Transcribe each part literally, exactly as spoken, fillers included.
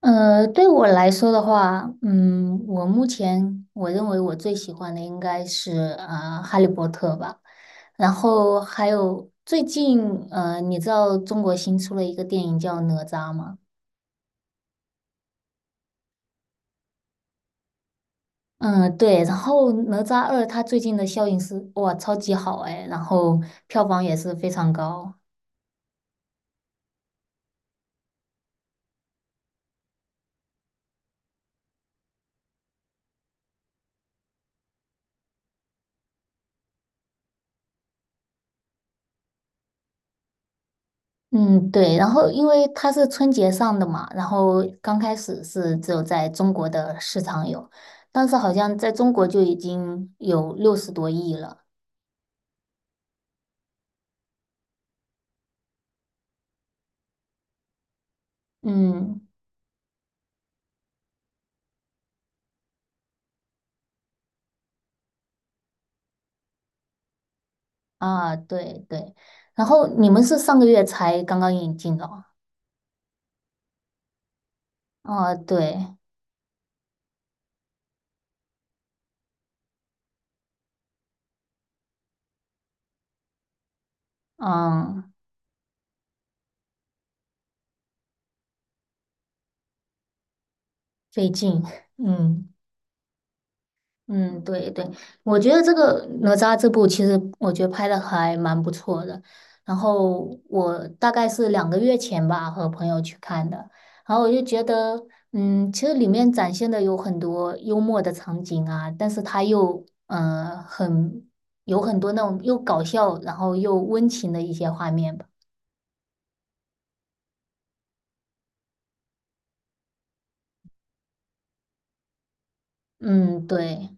呃，对我来说的话，嗯，我目前我认为我最喜欢的应该是呃《哈利波特》吧，然后还有最近呃，你知道中国新出了一个电影叫《哪吒》吗？嗯，对，然后《哪吒二》它最近的效应是哇超级好哎，然后票房也是非常高。嗯，对，然后因为它是春节上的嘛，然后刚开始是只有在中国的市场有，但是好像在中国就已经有六十多亿了。嗯，啊，对对，然后你们是上个月才刚刚引进的哦。啊对，嗯，费劲，嗯。嗯，对对，我觉得这个哪吒这部其实我觉得拍的还蛮不错的。然后我大概是两个月前吧和朋友去看的，然后我就觉得，嗯，其实里面展现的有很多幽默的场景啊，但是它又嗯很有很多那种又搞笑，然后又温情的一些画面吧。嗯，对。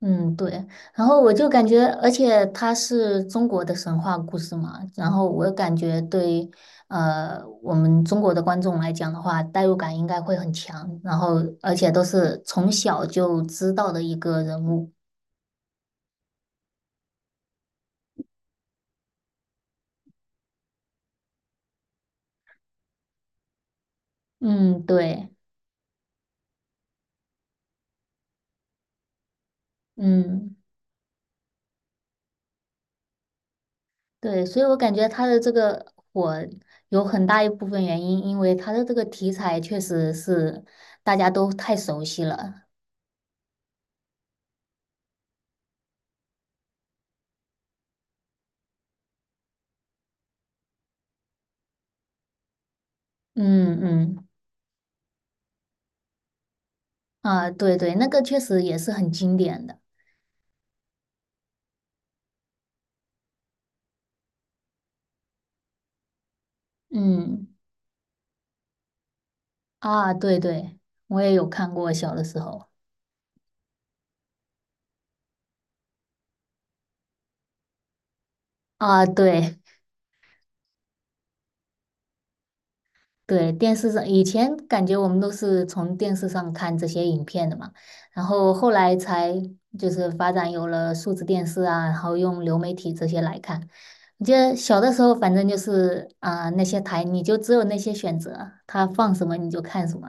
嗯，对，然后我就感觉，而且它是中国的神话故事嘛，然后我感觉对，呃，我们中国的观众来讲的话，代入感应该会很强，然后而且都是从小就知道的一个人物。嗯，对，嗯，对，所以我感觉他的这个火有很大一部分原因，因为他的这个题材确实是大家都太熟悉了。嗯嗯，啊，对对，那个确实也是很经典的。嗯，啊，对对，我也有看过，小的时候啊，对对，电视上以前感觉我们都是从电视上看这些影片的嘛，然后后来才就是发展有了数字电视啊，然后用流媒体这些来看。我记得小的时候，反正就是啊、那些台你就只有那些选择，它放什么你就看什么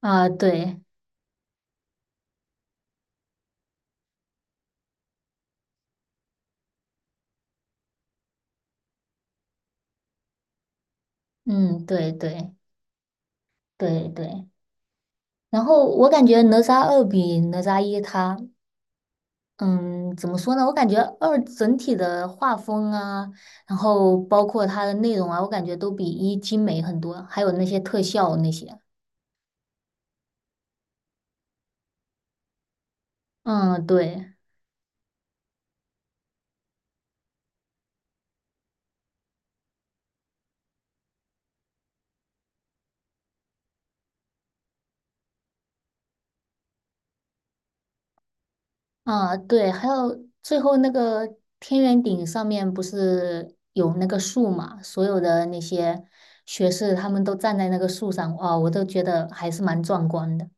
啊，对，嗯，对对对对。然后我感觉《哪吒二》比《哪吒一》它嗯，怎么说呢？我感觉二整体的画风啊，然后包括它的内容啊，我感觉都比一精美很多，还有那些特效那些。嗯，对，啊，对，还有最后那个天元顶上面不是有那个树嘛？所有的那些学士他们都站在那个树上，哇，我都觉得还是蛮壮观的。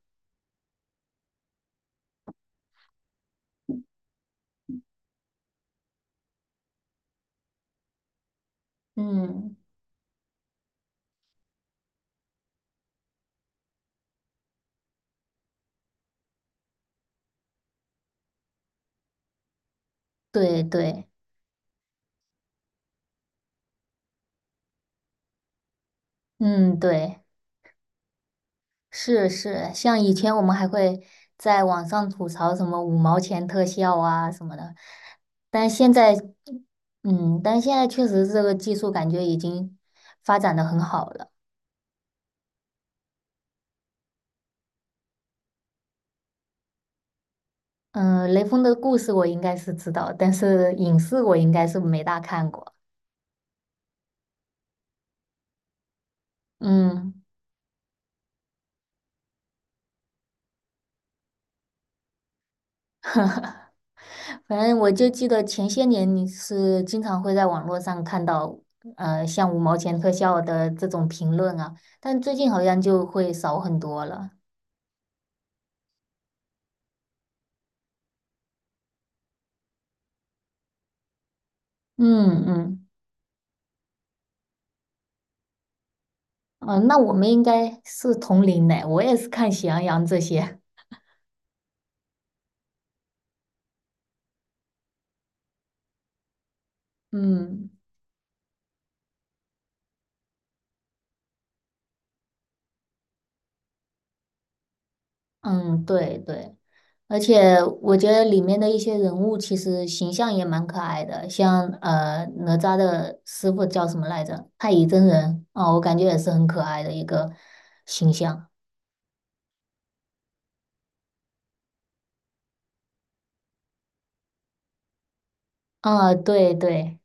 嗯，对对，嗯对。是是，像以前我们还会在网上吐槽什么五毛钱特效啊什么的，但现在，嗯，但现在确实这个技术感觉已经发展的很好了。嗯，雷锋的故事我应该是知道，但是影视我应该是没大看过。嗯，反正我就记得前些年你是经常会在网络上看到，呃，像五毛钱特效的这种评论啊，但最近好像就会少很多了。嗯嗯。嗯，那我们应该是同龄的，我也是看喜羊羊这些。嗯嗯，对对，而且我觉得里面的一些人物其实形象也蛮可爱的，像呃哪吒的师傅叫什么来着？太乙真人啊，我感觉也是很可爱的一个形象。啊，对对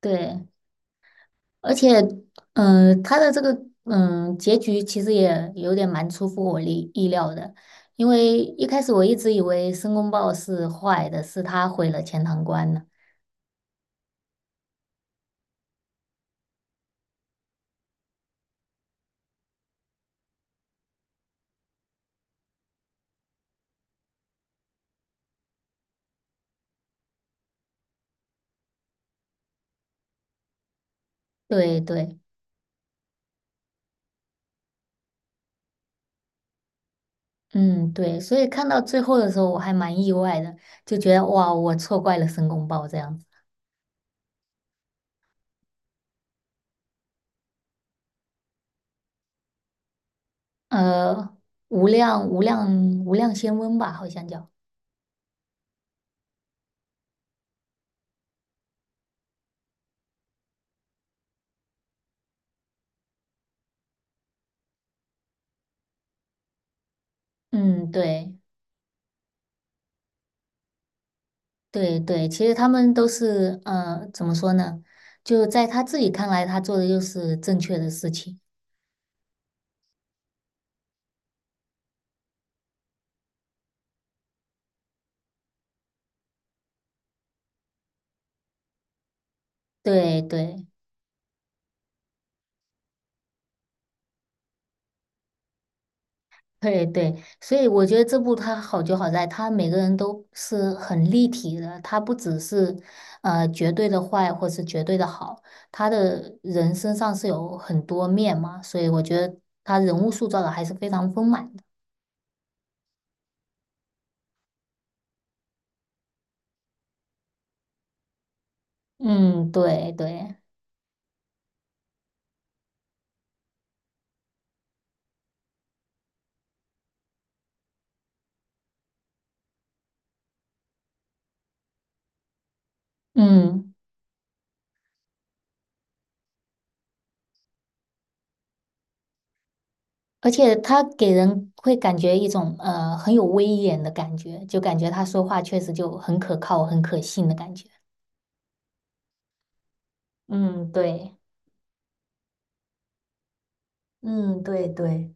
对，而且，嗯、呃他的这个嗯、呃结局其实也有点蛮出乎我意意料的，因为一开始我一直以为申公豹是坏的，是他毁了钱塘关呢。对对，嗯对，所以看到最后的时候，我还蛮意外的，就觉得哇，我错怪了申公豹这样子。呃，无量无量无量仙翁吧，好像叫。嗯，对。对对，其实他们都是呃，怎么说呢？就在他自己看来，他做的就是正确的事情。对对对对，所以我觉得这部他好就好在，他每个人都是很立体的，他不只是呃绝对的坏或是绝对的好，他的人身上是有很多面嘛，所以我觉得他人物塑造的还是非常丰满的。嗯，对对，嗯。而且他给人会感觉一种呃很有威严的感觉，就感觉他说话确实就很可靠、很可信的感觉。嗯，对，嗯，对对，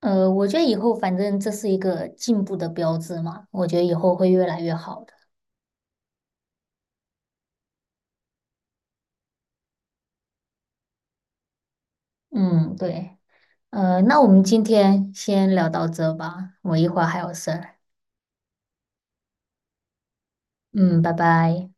呃，我觉得以后反正这是一个进步的标志嘛，我觉得以后会越来越好的。嗯，对，呃，那我们今天先聊到这吧，我一会儿还有事儿。嗯，拜拜。